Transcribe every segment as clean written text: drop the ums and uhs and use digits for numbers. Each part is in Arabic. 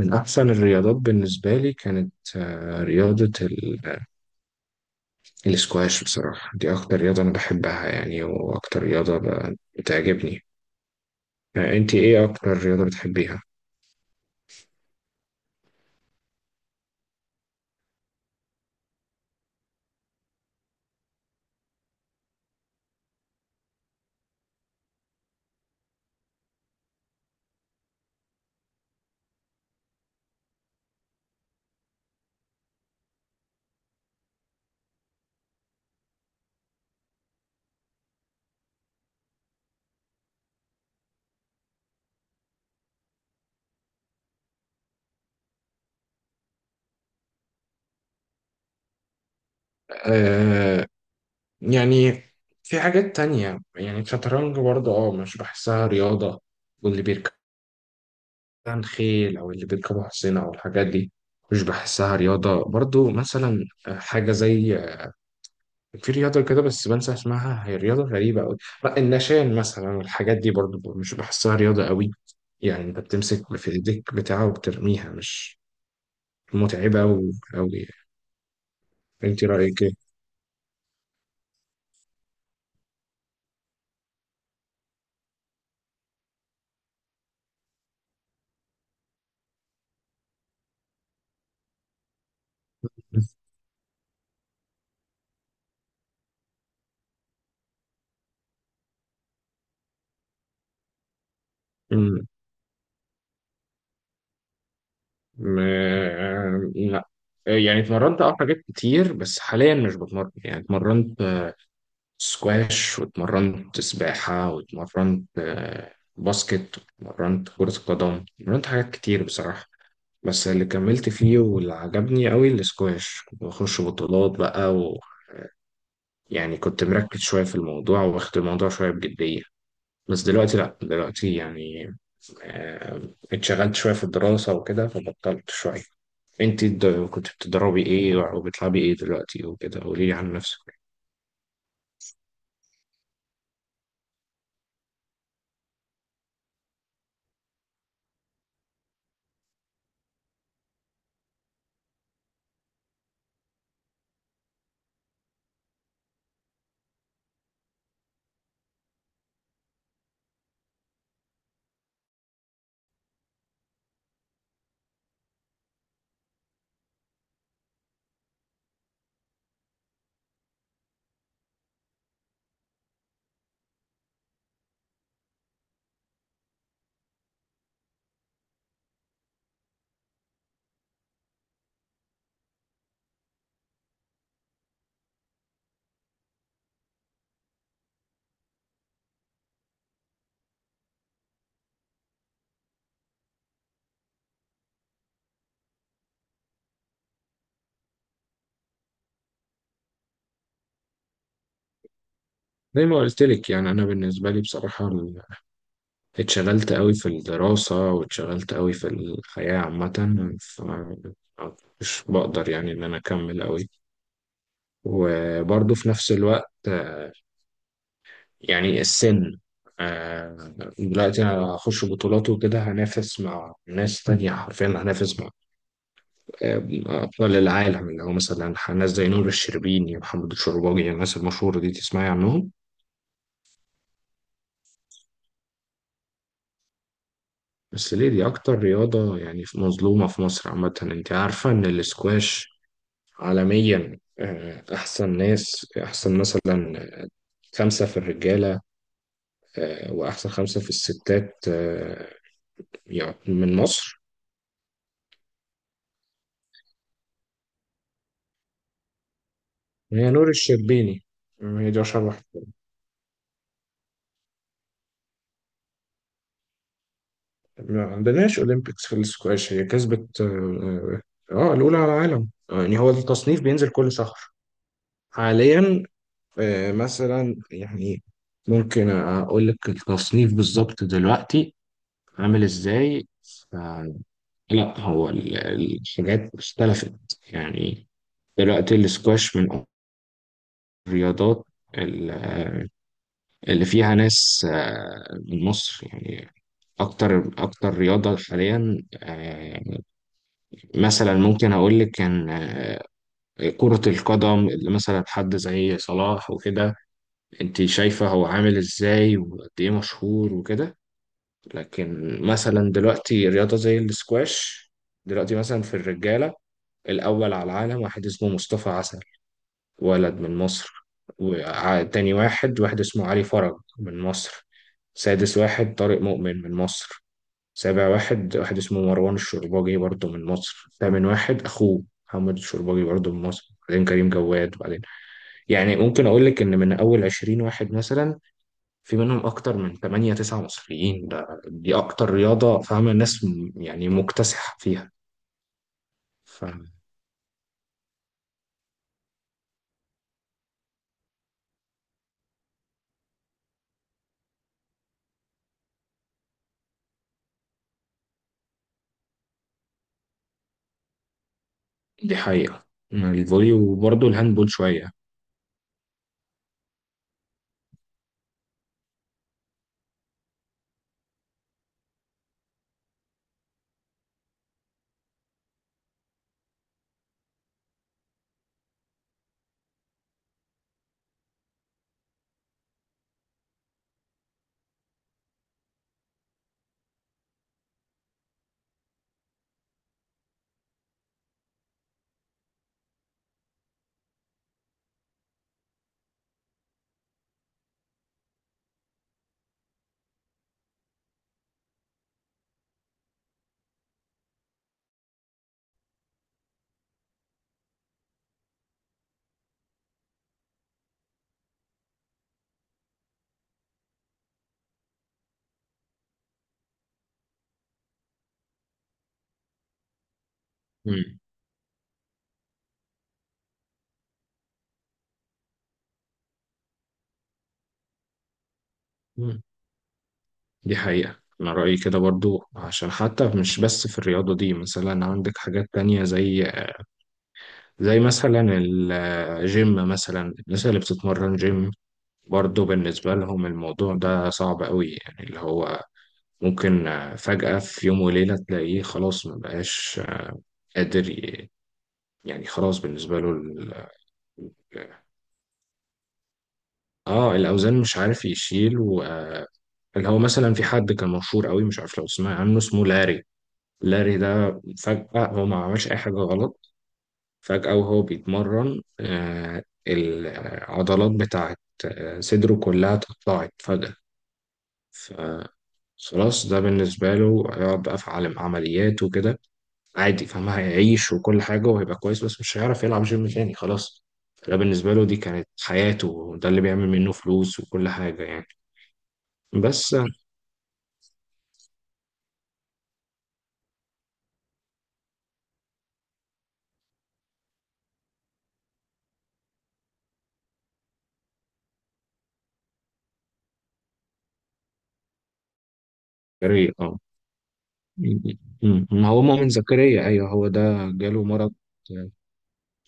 من أحسن الرياضات بالنسبة لي كانت رياضة الاسكواش، بصراحة دي أكتر رياضة أنا بحبها يعني، وأكتر رياضة بتعجبني. أنت إيه أكتر رياضة بتحبيها؟ آه يعني في حاجات تانية، يعني الشطرنج برضه مش بحسها رياضة، واللي بيركب عن خيل أو اللي بيركبوا حصينة أو الحاجات دي مش بحسها رياضة برضه، مثلا حاجة زي، في رياضة كده بس بنسى اسمها، هي رياضة غريبة أوي. لا، النشان مثلا والحاجات دي برضو مش بحسها رياضة أوي، يعني أنت بتمسك في إيديك بتاعه وبترميها، مش متعبة أوي أوي. أنت رأيك إيه؟ أمم، لا، يعني اتمرنت حاجات كتير بس حاليا مش بتمرن. يعني اتمرنت سكواش، واتمرنت سباحة، واتمرنت باسكت، واتمرنت كرة قدم، اتمرنت حاجات كتير بصراحة. بس اللي كملت فيه واللي عجبني قوي الاسكواش، كنت بخش بطولات بقى، ويعني كنت مركز شوية في الموضوع، واخد الموضوع شوية بجدية. بس دلوقتي لأ، دلوقتي يعني اتشغلت شوية في الدراسة وكده فبطلت شوية. انت كنت بتدربي ايه، وبتلعبي ايه دلوقتي وكده، قوليلي عن نفسك. زي ما قلت لك يعني انا بالنسبه لي بصراحه، اتشغلت قوي في الدراسه، واتشغلت قوي في الحياه عامه، فمش بقدر يعني ان انا اكمل قوي. وبرضه في نفس الوقت يعني السن، دلوقتي أنا هخش بطولات وكده، هنافس مع ناس تانية، حرفيا هنافس مع آه، أبطال العالم، اللي هو مثلا ناس زي نور الشربيني ومحمد الشرباجي، الناس المشهورة دي تسمعي عنهم. بس ليه، دي أكتر رياضة يعني مظلومة في مصر عامة. أنت عارفة إن الاسكواش عالميا أحسن ناس، أحسن مثلا خمسة في الرجالة، وأحسن خمسة في الستات، يعني من مصر. هي نور الشربيني، هي دي أشهر واحدة. ما عندناش أولمبيكس في السكواش، هي كسبت الأولى على العالم. يعني هو التصنيف بينزل كل شهر. حاليا مثلا، يعني ممكن أقول لك التصنيف بالظبط دلوقتي عامل إزاي. لا، هو الحاجات اختلفت يعني. دلوقتي السكواش من الرياضات ال- آه، اللي فيها ناس من مصر، يعني اكتر اكتر رياضه حاليا. مثلا ممكن اقول لك كان كره القدم، اللي مثلا حد زي صلاح وكده، انت شايفه هو عامل ازاي وقد ايه مشهور وكده. لكن مثلا دلوقتي رياضه زي السكواش، دلوقتي مثلا في الرجاله الاول على العالم واحد اسمه مصطفى عسل، ولد من مصر. وتاني واحد، واحد اسمه علي فرج من مصر. سادس واحد طارق مؤمن من مصر. سابع واحد، واحد اسمه مروان الشرباجي برضه من مصر. تامن واحد أخوه محمد الشرباجي برضه من مصر. بعدين كريم جواد، وبعدين يعني ممكن أقول لك إن من أول عشرين واحد مثلا، في منهم أكتر من تمانية تسعة مصريين. ده دي أكتر رياضة، فاهمة الناس يعني مكتسحة فيها. فدي حقيقة. مم. الفولي وبرضه الهاندبول شوية. مم. مم. دي حقيقة، أنا رأيي كده برضو. عشان حتى مش بس في الرياضة دي، مثلا عندك حاجات تانية زي مثلا الجيم، مثلا الناس اللي بتتمرن جيم برضه بالنسبة لهم الموضوع ده صعب قوي، يعني اللي هو ممكن فجأة في يوم وليلة تلاقيه خلاص مبقاش قادر يعني خلاص بالنسبة له اه، الأوزان مش عارف يشيل و اللي هو مثلا في حد كان مشهور قوي، مش عارف لو تسمع عنه اسمه لاري ده فجأة هو ما عملش أي حاجة غلط، فجأة وهو بيتمرن العضلات بتاعت صدره كلها تقطعت فجأة. فخلاص ده بالنسبة له هيقعد بقى في عالم عمليات وكده، عادي فاهم، هيعيش وكل حاجة وهيبقى كويس، بس مش هيعرف يلعب جيم تاني خلاص. فده بالنسبة له، دي كانت حياته وده اللي بيعمل منه فلوس وكل حاجة يعني. بس زكريا، م- ما هو مؤمن زكريا، أيوه هو ده. جاله مرض، آه،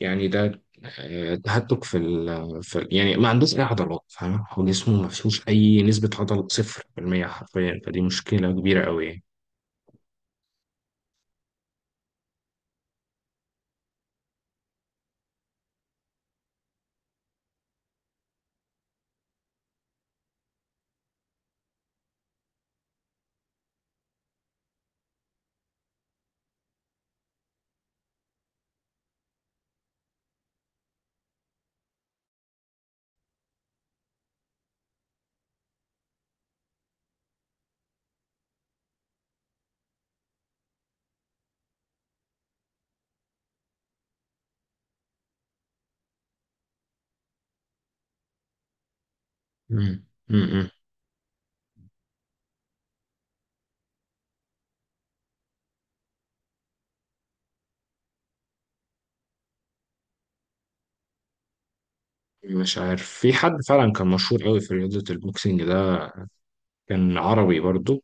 يعني ده تهتك يعني ما عندوش اي عضلات، فاهم. هو جسمه ما فيهوش اي نسبه عضل، 0% حرفيا، فدي مشكله كبيره قوي يعني. مم. مم. مش عارف في حد فعلا كان مشهور قوي في رياضه البوكسنج ده، كان عربي برضو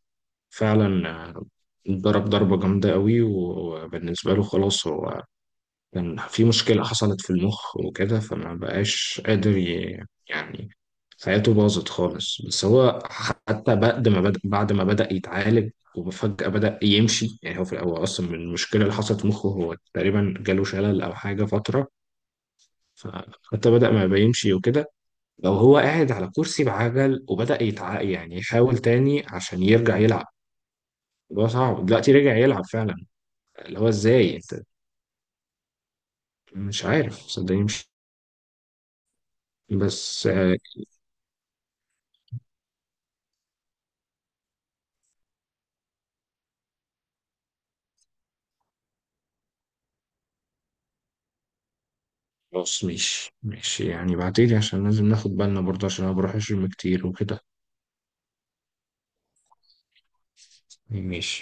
فعلا، ضرب ضربه جامده قوي، وبالنسبه له خلاص هو كان في مشكلة حصلت في المخ وكده، فما بقاش قادر يعني حياته باظت خالص. بس هو حتى بعد ما بدأ يتعالج وفجأة بدأ يمشي. يعني هو في الأول أصلا من المشكلة اللي حصلت في مخه، هو تقريبا جاله شلل أو حاجة فترة، فحتى بدأ ما بيمشي وكده، لو هو قاعد على كرسي بعجل وبدأ يعني يحاول تاني عشان يرجع يلعب. الموضوع صعب. دلوقتي رجع يلعب فعلا، اللي هو إزاي؟ أنت مش عارف، صدقني مش، بس خلاص ماشي ماشي يعني، بعتيلي عشان لازم ناخد بالنا برضه عشان انا بروح الجيم كتير وكده. ماشي.